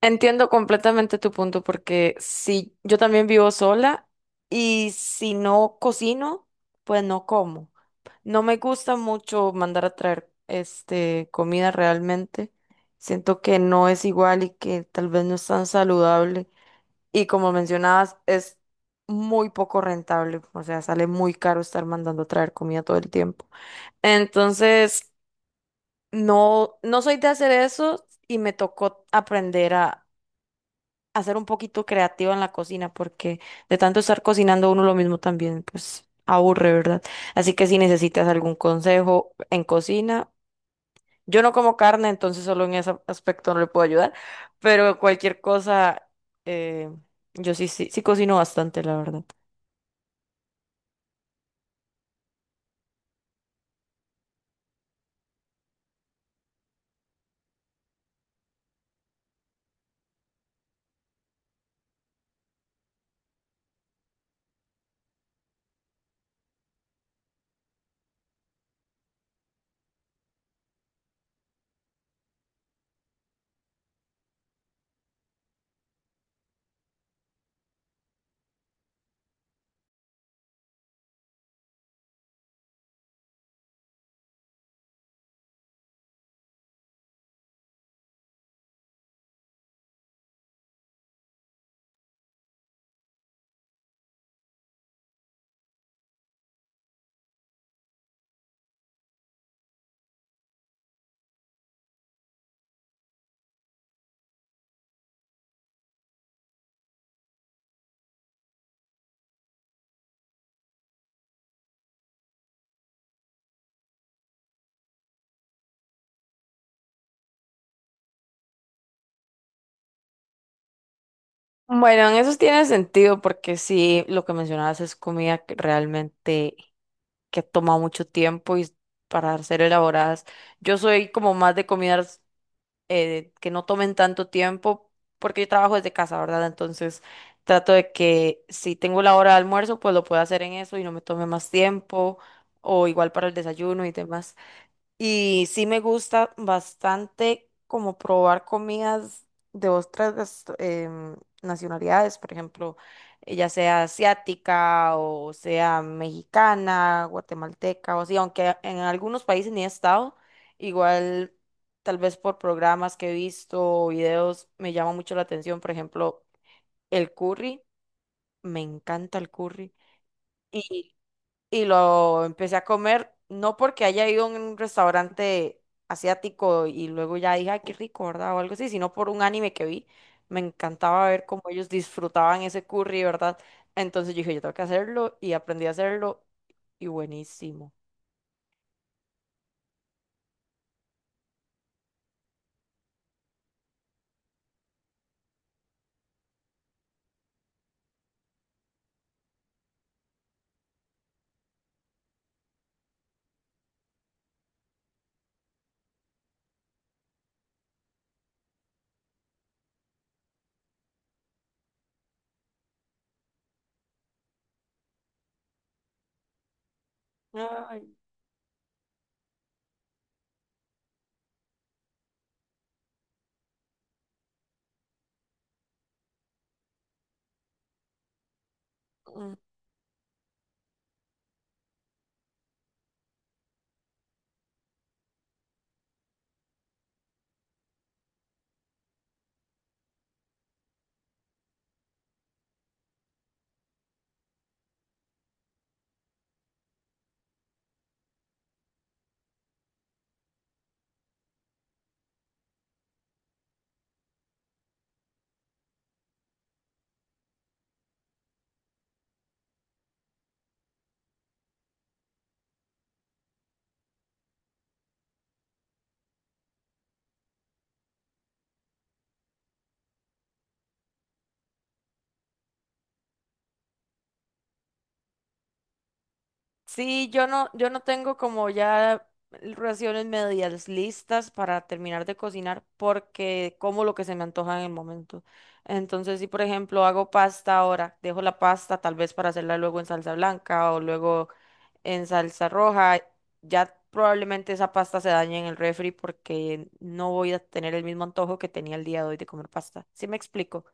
Entiendo completamente tu punto porque si yo también vivo sola y si no cocino, pues no como. No me gusta mucho mandar a traer este comida realmente. Siento que no es igual y que tal vez no es tan saludable. Y como mencionabas, es muy poco rentable. O sea, sale muy caro estar mandando a traer comida todo el tiempo. Entonces, no soy de hacer eso y me tocó aprender a ser un poquito creativa en la cocina, porque de tanto estar cocinando uno lo mismo también, pues aburre, ¿verdad? Así que si necesitas algún consejo en cocina, yo no como carne, entonces solo en ese aspecto no le puedo ayudar, pero cualquier cosa, eh, yo sí, sí, sí cocino bastante, la verdad. Bueno, en eso tiene sentido, porque sí, lo que mencionabas es comida que realmente que toma mucho tiempo y para ser elaboradas. Yo soy como más de comidas que no tomen tanto tiempo, porque yo trabajo desde casa, ¿verdad? Entonces trato de que si tengo la hora de almuerzo, pues lo pueda hacer en eso y no me tome más tiempo, o igual para el desayuno y demás. Y sí me gusta bastante como probar comidas de otras nacionalidades, por ejemplo, ya sea asiática o sea mexicana, guatemalteca o así, aunque en algunos países ni he estado, igual tal vez por programas que he visto o videos me llama mucho la atención, por ejemplo, el curry, me encanta el curry y lo empecé a comer, no porque haya ido a un restaurante asiático y luego ya dije, ay, qué rico, ¿verdad? O algo así, sino por un anime que vi. Me encantaba ver cómo ellos disfrutaban ese curry, ¿verdad? Entonces yo dije, yo tengo que hacerlo y aprendí a hacerlo y buenísimo. Ay. Sí, yo no tengo como ya raciones medias listas para terminar de cocinar porque como lo que se me antoja en el momento. Entonces, si por ejemplo hago pasta ahora, dejo la pasta tal vez para hacerla luego en salsa blanca o luego en salsa roja, ya probablemente esa pasta se dañe en el refri porque no voy a tener el mismo antojo que tenía el día de hoy de comer pasta. ¿Sí me explico?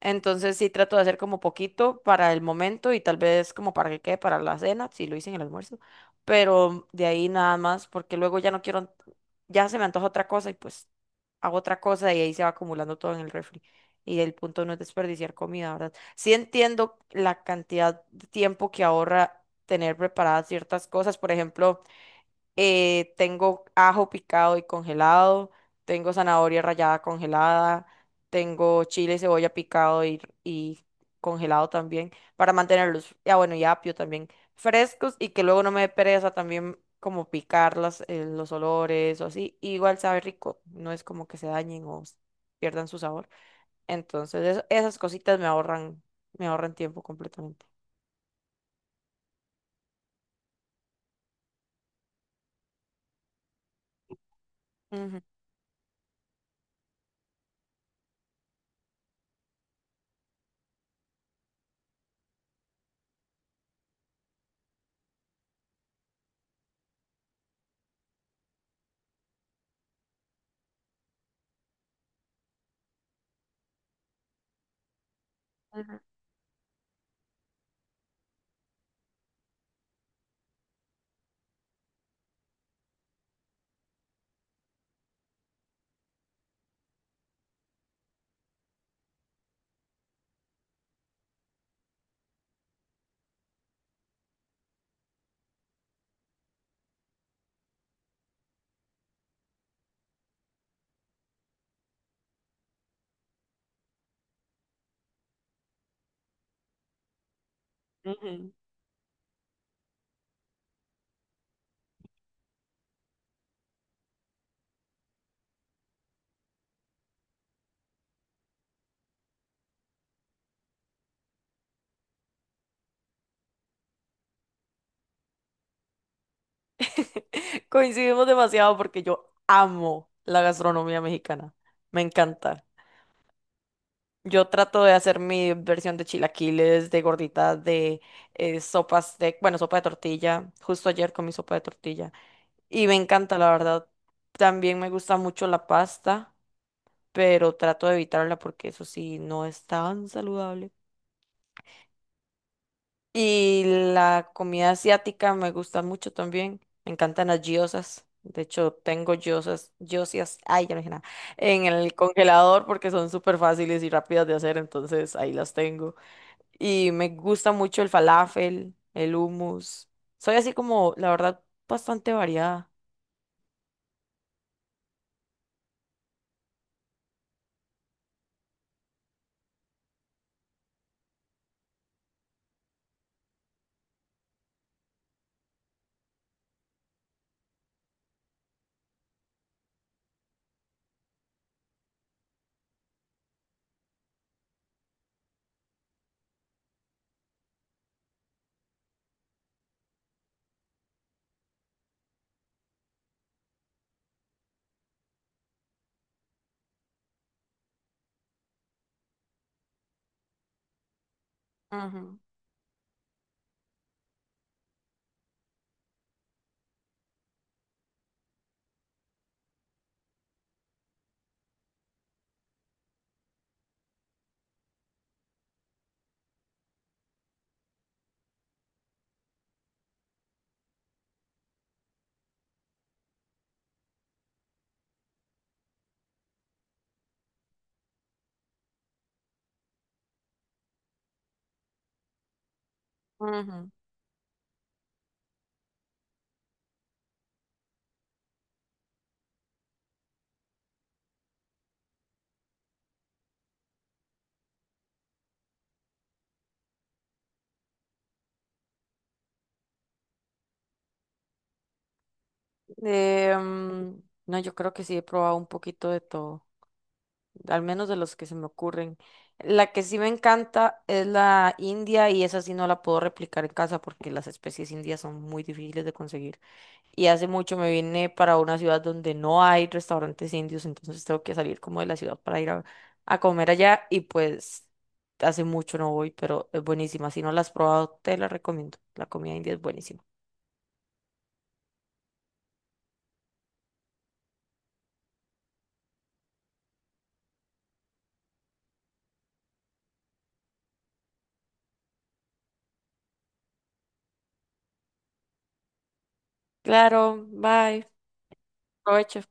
Entonces sí trato de hacer como poquito para el momento y tal vez como para que quede para la cena, si lo hice en el almuerzo, pero de ahí nada más, porque luego ya no quiero, ya se me antoja otra cosa y pues hago otra cosa y ahí se va acumulando todo en el refri. Y el punto no es desperdiciar comida, ¿verdad? Sí entiendo la cantidad de tiempo que ahorra tener preparadas ciertas cosas, por ejemplo tengo ajo picado y congelado, tengo zanahoria rallada congelada, tengo chile y cebolla picado y congelado también para mantenerlos, ya bueno, y apio también, frescos y que luego no me dé pereza también como picar las, los olores o así, y igual sabe rico, no es como que se dañen o pierdan su sabor. Entonces, esas cositas me ahorran tiempo completamente. Ujú, ujú, ujú. Coincidimos demasiado porque yo amo la gastronomía mexicana. Me encanta. Yo trato de hacer mi versión de chilaquiles, de gorditas, de sopas de, bueno, sopa de tortilla. Justo ayer comí sopa de tortilla. Y me encanta, la verdad. También me gusta mucho la pasta, pero trato de evitarla porque eso sí, no es tan saludable. Y la comida asiática me gusta mucho también. Me encantan las gyozas. De hecho, tengo gyozas, ay, ya no dije nada, en el congelador porque son súper fáciles y rápidas de hacer, entonces ahí las tengo. Y me gusta mucho el falafel, el hummus. Soy así como, la verdad, bastante variada. Ujú, ujú. Eh, mm, no, yo creo que sí he probado un poquito de todo, al menos de los que se me ocurren. La que sí me encanta es la india y esa sí no la puedo replicar en casa porque las especies indias son muy difíciles de conseguir. Y hace mucho me vine para una ciudad donde no hay restaurantes indios, entonces tengo que salir como de la ciudad para ir a comer allá y pues hace mucho no voy, pero es buenísima. Si no la has probado, te la recomiendo. La comida india es buenísima. Claro, bye. Provecho.